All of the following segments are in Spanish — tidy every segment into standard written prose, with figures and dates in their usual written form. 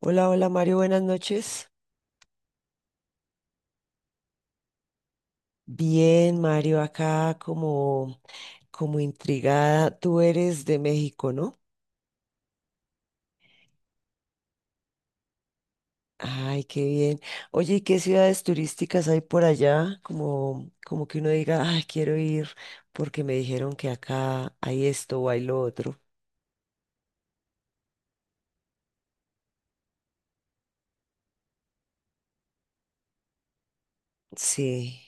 Hola, hola Mario, buenas noches. Bien, Mario, acá como, como intrigada. Tú eres de México, ¿no? Ay, qué bien. Oye, ¿y qué ciudades turísticas hay por allá? Como, como que uno diga, ay, quiero ir porque me dijeron que acá hay esto o hay lo otro. Sí.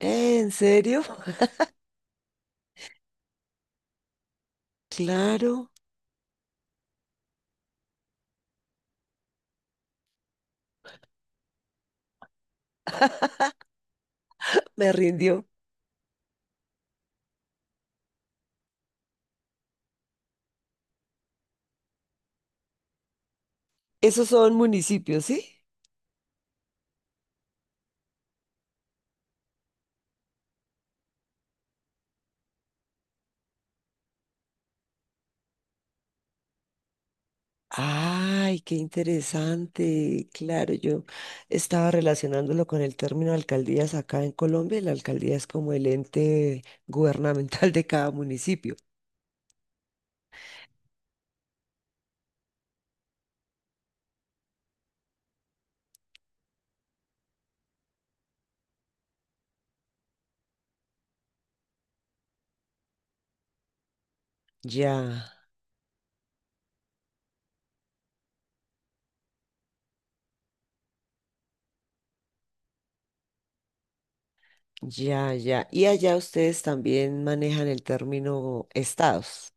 ¿En serio? Claro, me rindió. ¿Esos son municipios, sí? Ay, qué interesante. Claro, yo estaba relacionándolo con el término alcaldías acá en Colombia. Y la alcaldía es como el ente gubernamental de cada municipio. Ya, ya, ya. Y allá ustedes también manejan el término estados.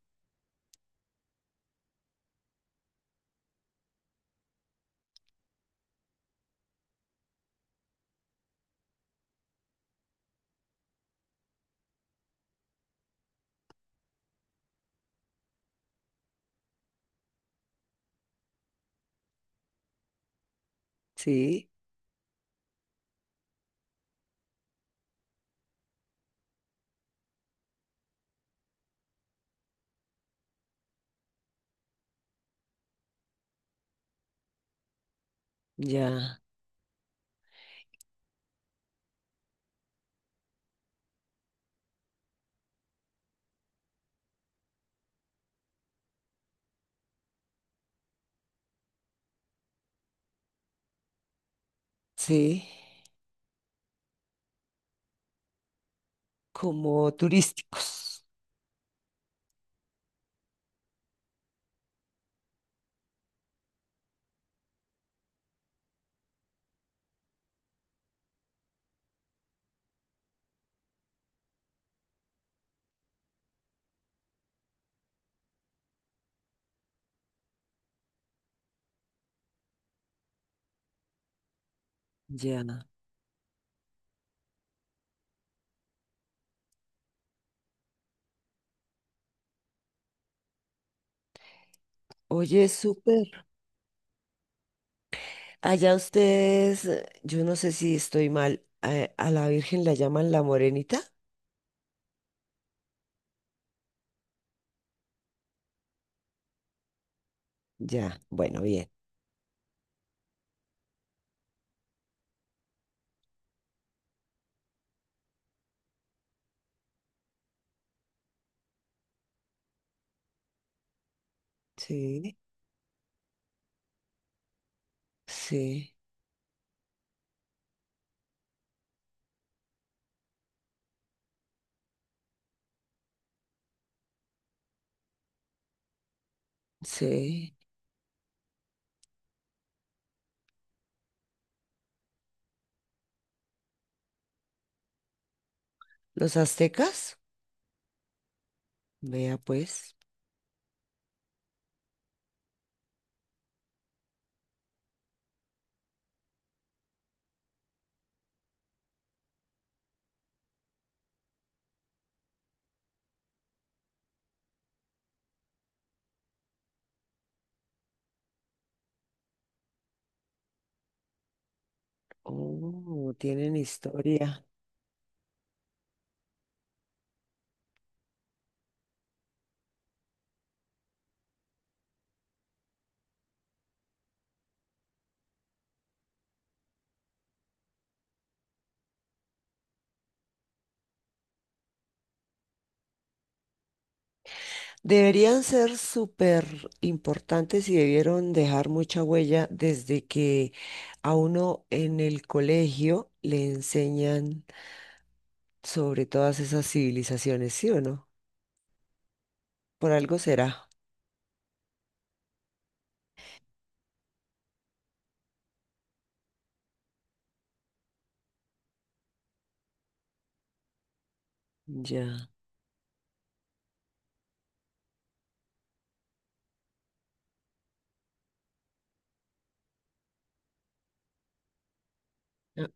Sí, ya, sí, como turísticos. Ya. Oye, súper. Allá ustedes, yo no sé si estoy mal, a la Virgen la llaman la morenita. Ya, bueno, bien. Sí, sí, sí. ¿Los aztecas? Vea pues. Oh, tienen historia. Deberían ser súper importantes y debieron dejar mucha huella desde que a uno en el colegio le enseñan sobre todas esas civilizaciones, ¿sí o no? Por algo será. Ya. Ah,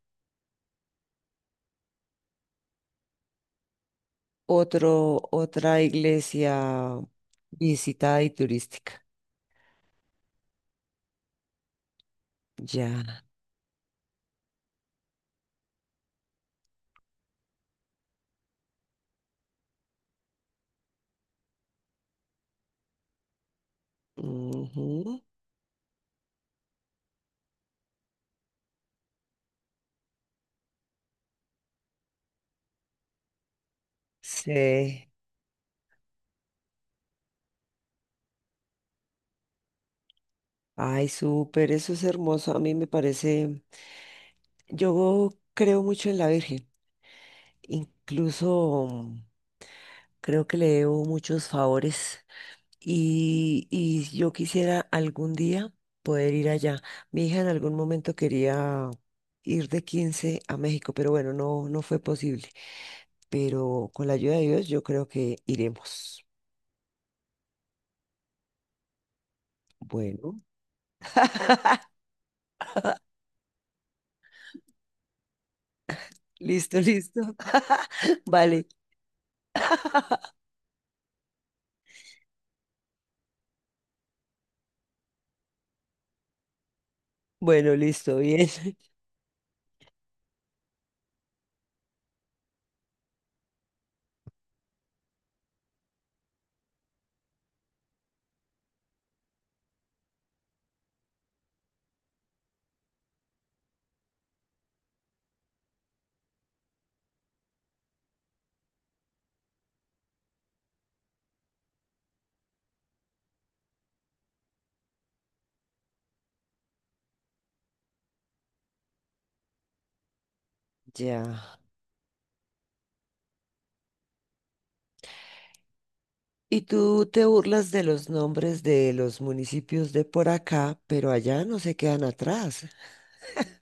Otro, otra iglesia visitada y turística. Ya. Ujú. Sí. Ay, súper, eso es hermoso. A mí me parece, yo creo mucho en la Virgen. Incluso creo que le debo muchos favores y, yo quisiera algún día poder ir allá. Mi hija en algún momento quería ir de 15 a México, pero bueno, no, no fue posible. Pero con la ayuda de Dios, yo creo que iremos. Bueno, listo, listo. Vale. Bueno, listo, bien. Ya. Y tú te burlas de los nombres de los municipios de por acá, pero allá no se quedan atrás.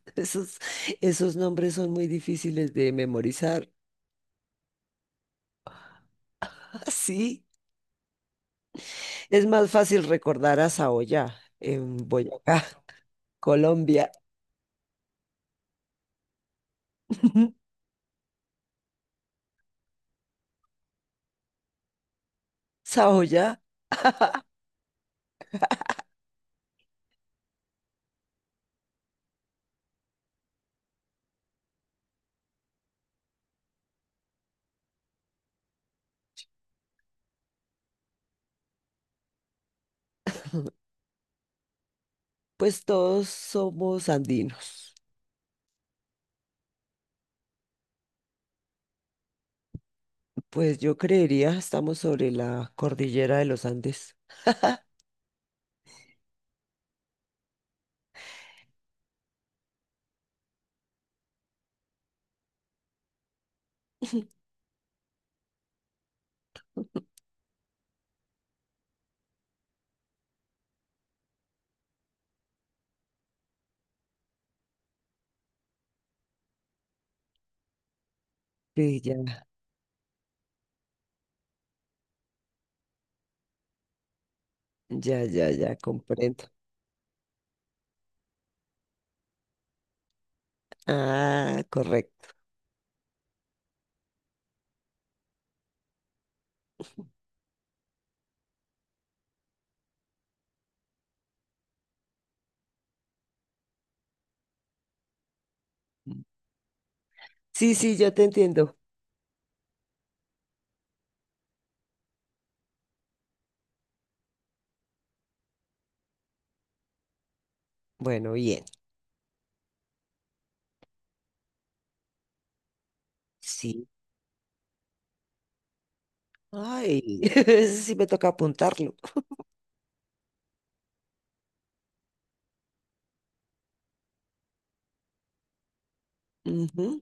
Esos, esos nombres son muy difíciles de memorizar. Ah, sí. Es más fácil recordar a Saoya en Boyacá, Colombia. Saoya, pues todos somos andinos. Pues yo creería, estamos sobre la cordillera de los Andes. Sí, ya, comprendo. Ah, correcto. Sí, sí, ya te entiendo. Bueno, bien. Sí. Ay, ese sí me toca apuntarlo. Ujú,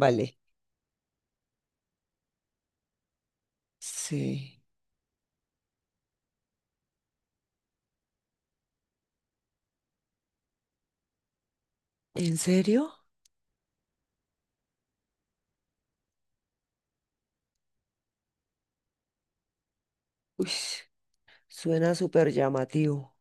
vale. Sí. ¿En serio? Uy, suena súper llamativo.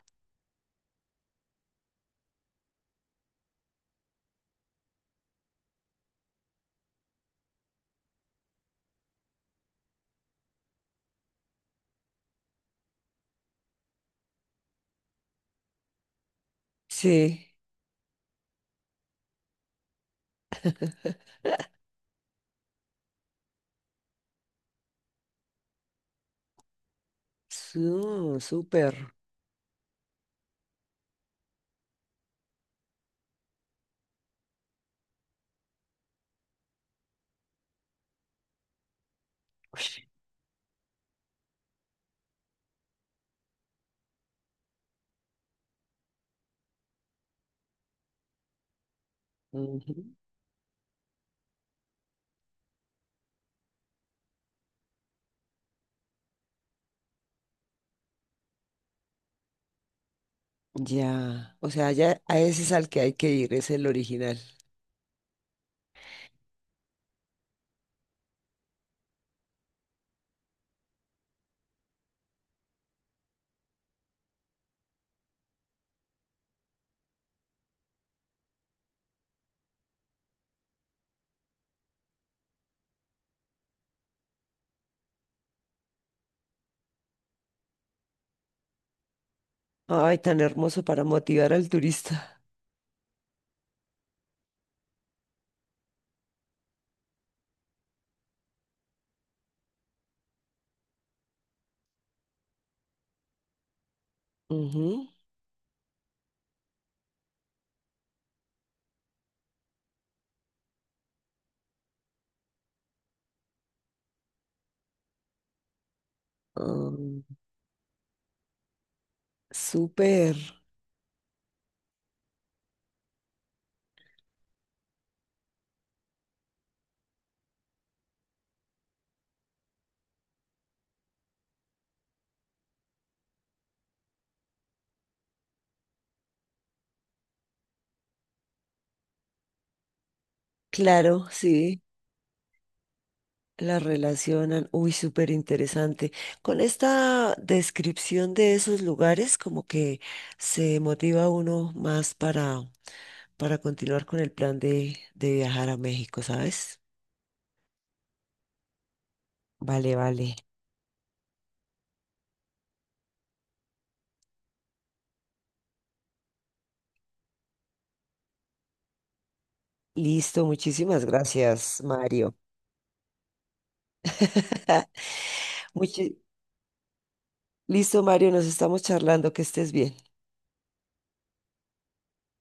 Sí. Su- súper. Ush, ujú, ya. O sea, ya a ese es al que hay que ir, es el original. Ay, tan hermoso para motivar al turista. Ujú. Ah, súper. Claro, sí. La relacionan, uy, súper interesante. Con esta descripción de esos lugares, como que se motiva uno más para, continuar con el plan de, viajar a México, ¿sabes? Vale, vale. Listo, muchísimas gracias, Mario. Muchi- Listo, Mario, nos estamos charlando, que estés bien.